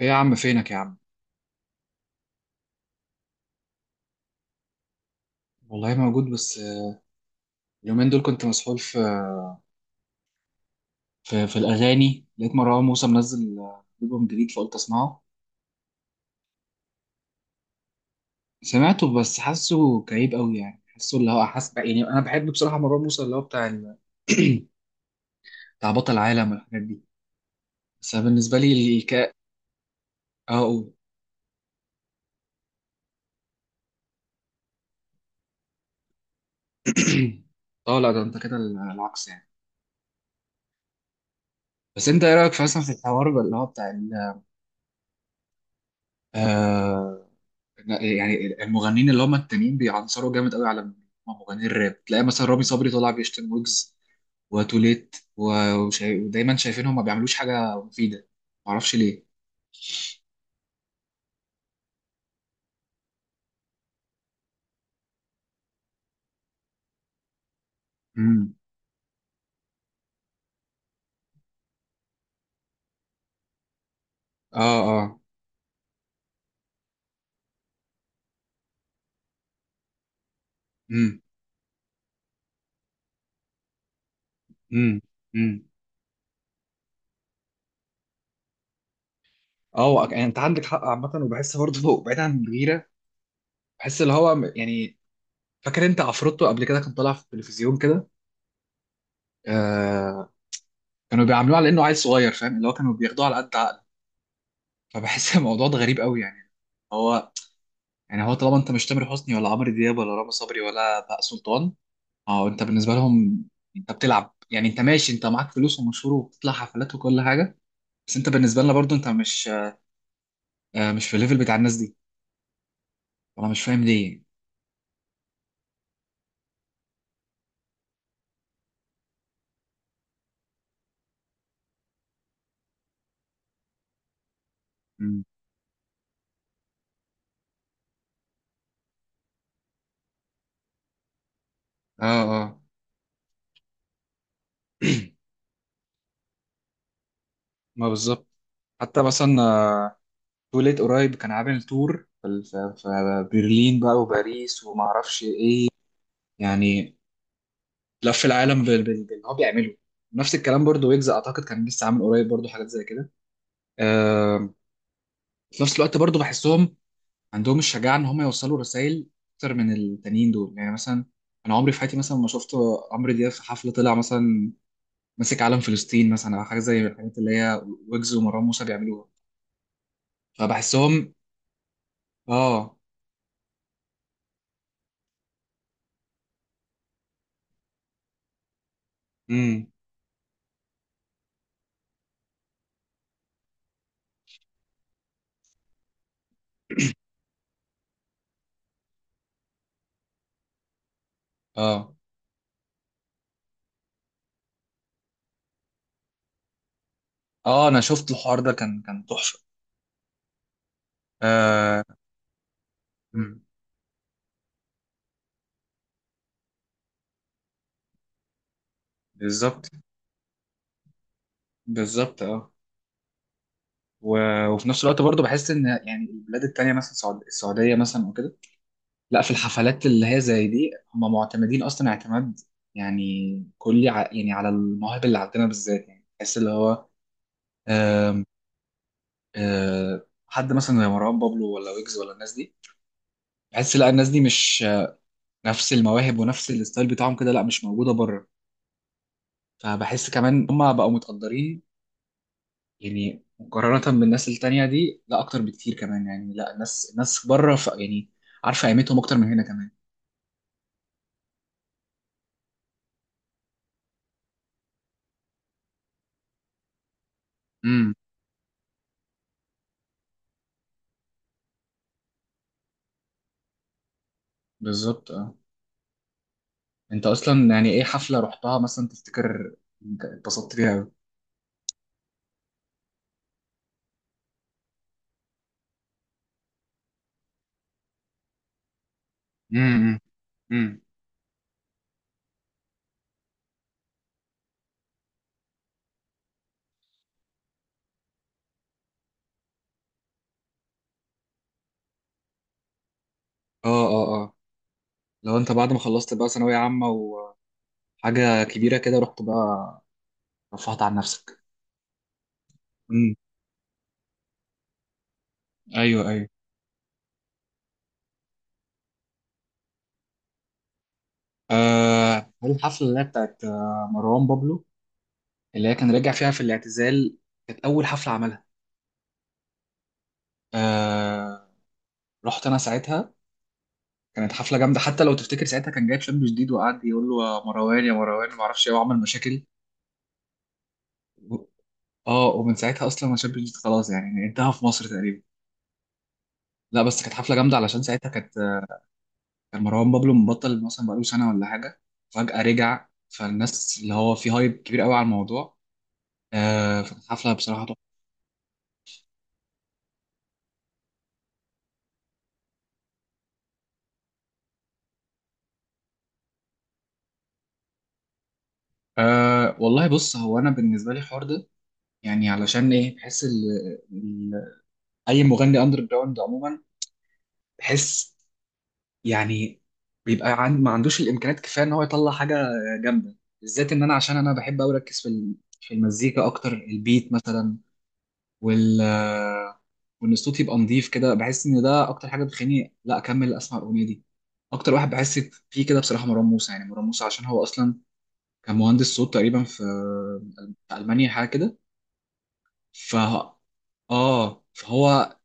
ايه يا عم، فينك يا عم؟ والله موجود بس اليومين دول كنت مسحول في الاغاني. لقيت مروان موسى منزل البوم جديد، فقلت اسمعه. سمعته بس حاسه كئيب قوي، يعني حاسه اللي هو حاسس. يعني انا بحب بصراحه مروان موسى اللي هو بتاع ال... بتاع بطل العالم والحاجات دي. بس أنا بالنسبه لي الكاء. اه، أقول. اه لا، ده انت كده العكس يعني. بس انت ايه رايك مثلا في الحوار اللي هو بتاع ال... آه، لا، يعني المغنيين اللي هم التانيين بيعنصروا جامد قوي على مغنيين الراب. تلاقي مثلا رامي صبري طلع بيشتم، ويجز وتوليت ودايما شايفينهم ما بيعملوش حاجه مفيده، معرفش ليه. امم. اه اه. امم امم امم. اه، يعني انت عندك حق عامه، وبحس برضه بعيد عن الغيره. بحس اللي هو يعني فاكر انت عفروتو قبل كده كان طالع في التلفزيون كده. آه كانوا بيعاملوه على انه عيل صغير، فاهم اللي هو كانوا بياخدوه على قد عقله. فبحس الموضوع ده غريب قوي يعني. هو يعني هو طالما انت مش تامر حسني، ولا عمرو دياب، ولا رامي صبري، ولا بهاء سلطان، اه، انت بالنسبه لهم انت بتلعب. يعني انت ماشي، انت معاك فلوس ومشهور وبتطلع حفلات وكل حاجه، بس انت بالنسبه لنا برضو انت مش في الليفل بتاع الناس دي. انا مش فاهم ليه. مم. اه اه. ما بالظبط. حتى مثلا توليت قريب كان عامل تور في برلين بقى، وباريس، وما اعرفش ايه. يعني لف العالم باللي هو بيعمله. نفس الكلام برضو، ويجز اعتقد كان لسه عامل قريب برضو حاجات زي كده. آه، في نفس الوقت برضو بحسهم عندهم الشجاعة إن هم يوصلوا رسائل أكتر من التانيين دول. يعني مثلا أنا عمري في حياتي مثلا ما شفت عمرو دياب في حفلة طلع مثلا ماسك علم فلسطين مثلا، أو حاجة زي الحاجات اللي هي ويجز ومروان موسى بيعملوها. فبحسهم. آه. امم. آه آه. أنا شفت الحوار ده كان تحفة. آه. مم، بالظبط بالظبط. وفي نفس الوقت برضو بحس إن يعني البلاد التانية، مثلا السعودية مثلا وكده، لا، في الحفلات اللي هي زي دي هم معتمدين اصلا اعتماد، يعني يعني على المواهب اللي عندنا بالذات. يعني تحس اللي هو آم، آه، حد مثلا زي مروان بابلو ولا ويجز ولا الناس دي، بحس لا، الناس دي مش نفس المواهب ونفس الستايل بتاعهم كده، لا مش موجودة بره. فبحس كمان هم بقوا متقدرين، يعني مقارنة بالناس التانية دي، لا اكتر بكتير كمان، يعني لا، الناس الناس بره يعني عارفة قيمتهم اكتر من هنا كمان. امم. بالظبط اه. انت اصلا يعني ايه حفله رحتها مثلا تفتكر انت اتبسطت فيها قوي؟ امم امم. اه اه اه. لو انت بعد ما خلصت بقى ثانويه عامه وحاجه كبيره كده، رحت بقى رفعت عن نفسك. امم. ايوه ايوه. هل الحفله اللي هي بتاعت مروان بابلو اللي هي كان راجع فيها في الاعتزال، كانت اول حفله عملها. آه رحت انا ساعتها. كانت حفله جامده، حتى لو تفتكر ساعتها كان جايب شاب جديد وقعد يقول له يا مروان يا مروان ما اعرفش ايه وعمل مشاكل. اه، ومن ساعتها اصلا ما شابت، خلاص يعني انتهى في مصر تقريبا. لا بس كانت حفله جامده علشان ساعتها كان مروان بابلو مبطل مثلا بقاله سنه ولا حاجه، فجاه رجع، فالناس اللي هو في هايب كبير قوي على الموضوع. فكانت حفله بصراحه تحفه. والله بص، هو انا بالنسبه لي الحوار ده يعني علشان ايه، بحس ال ال اي مغني اندر جراوند عموما بحس يعني بيبقى عن ما عندوش الامكانيات كفايه ان هو يطلع حاجه جامده. بالذات ان انا، عشان انا بحب قوي اركز في المزيكا اكتر، البيت مثلا، وال وان الصوت يبقى نظيف كده. بحس ان ده اكتر حاجه بتخليني لا اكمل اسمع الاغنيه دي، اكتر واحد بحس فيه كده بصراحه مروان موسى. يعني مروان موسى عشان هو اصلا كان مهندس صوت تقريبا في المانيا حاجه كده. ف اه فهو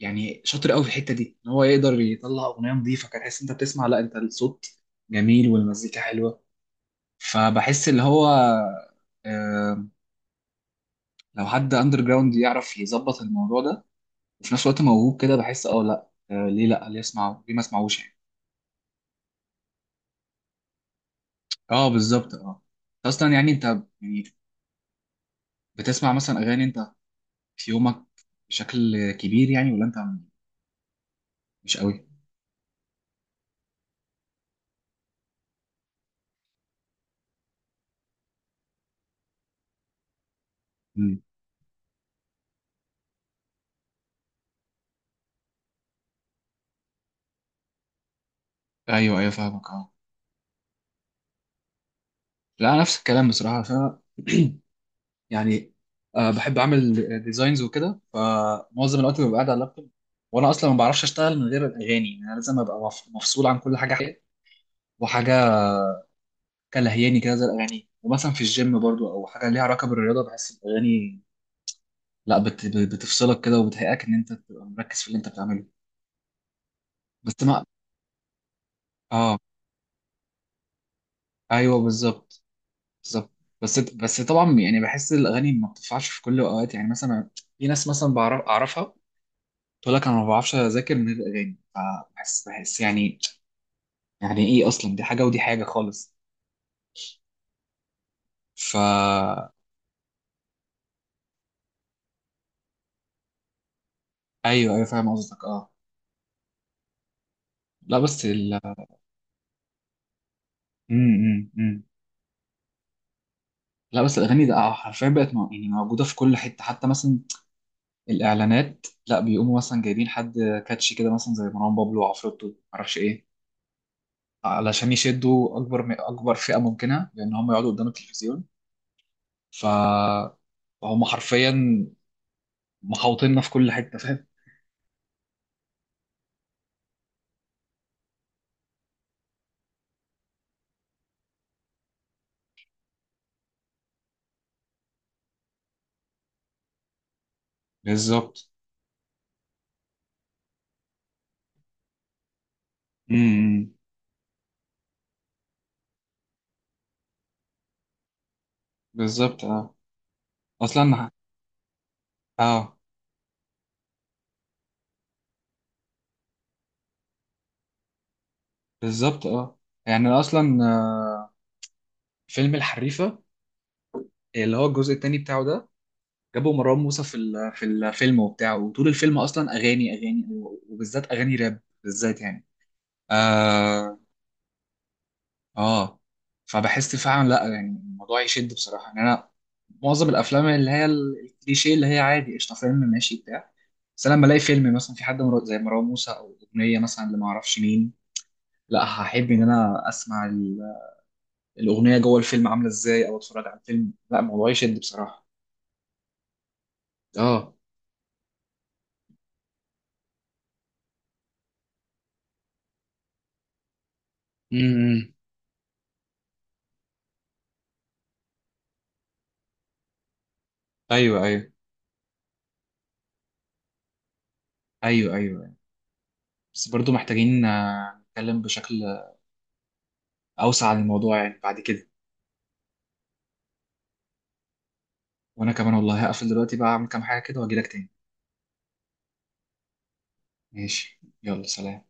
يعني شاطر قوي في الحته دي، ان هو يقدر يطلع اغنيه نظيفه، كان تحس انت بتسمع، لا انت الصوت جميل والمزيكا حلوه. فبحس اللي هو آه، لو حد اندر جراوند يعرف يظبط الموضوع ده وفي نفس الوقت موهوب كده، بحس اه لا، ليه، لا، ليه اسمعه؟ ليه ما اسمعوش يعني؟ اه بالظبط اه. اصلا يعني انت يعني بتسمع مثلا اغاني انت في يومك بشكل كبير يعني، ولا انت مش قوي؟ مم. ايوه ايوه فاهمك اه. لا، نفس الكلام بصراحه يعني بحب اعمل ديزاينز وكده، فمعظم الوقت ببقى قاعد على اللابتوب، وانا اصلا ما بعرفش اشتغل من غير الاغاني، يعني انا لازم ابقى مفصول عن كل حاجه حقيقية وحاجه كلهياني كده زي الاغاني. ومثلا في الجيم برضو او حاجه ليها علاقه بالرياضه، بحس الاغاني لا بتفصلك كده وبتهيئك ان انت تبقى مركز في اللي انت بتعمله. بس ما اه ايوه بالظبط بالظبط. بس طبعا يعني بحس الاغاني ما بتنفعش في كل الاوقات، يعني مثلا في ناس مثلا اعرفها تقول لك انا ما بعرفش اذاكر من غير الاغاني، فبحس يعني ايه، اصلا دي حاجه ودي حاجه خالص فا ايوه ايوه فاهم قصدك اه. لا، بس ال... م -م -م. لا بس الاغاني ده حرفيا بقت يعني موجوده في كل حته، حتى مثلا الاعلانات لا بيقوموا مثلا جايبين حد كاتشي كده مثلا زي مروان بابلو وعفروتو، معرفش ايه، علشان يشدوا اكبر اكبر فئه ممكنه، لان هم يقعدوا قدام التلفزيون. فهم حرفيا محاوطيننا في كل حته، فاهم؟ بالظبط. امم. بالظبط اه. اصلا اه. بالظبط اه. يعني أنا اصلا فيلم الحريفه اللي هو الجزء التاني بتاعه ده، جابوا مروان موسى في الفيلم وبتاعه، وطول الفيلم اصلا اغاني اغاني، وبالذات اغاني راب بالذات يعني. اه آه. فبحس فعلا لا، يعني الموضوع يشد بصراحه. يعني انا معظم الافلام اللي هي الكليشيه، اللي هي عادي قشطه فيلم ماشي بتاع، بس انا لما الاقي فيلم مثلا في حد زي مروان موسى او اغنيه مثلا اللي ما اعرفش مين، لا هحب ان انا اسمع الاغنيه جوه الفيلم عامله ازاي، او اتفرج على الفيلم، لا الموضوع يشد بصراحه اه. امم. ايوه ايوه. ايوه ايوه. بس برضو محتاجين نتكلم بشكل اوسع عن الموضوع يعني بعد كده. وانا كمان والله هقفل دلوقتي بقى، اعمل كام حاجه كده واجي لك تاني. ماشي يلا سلام.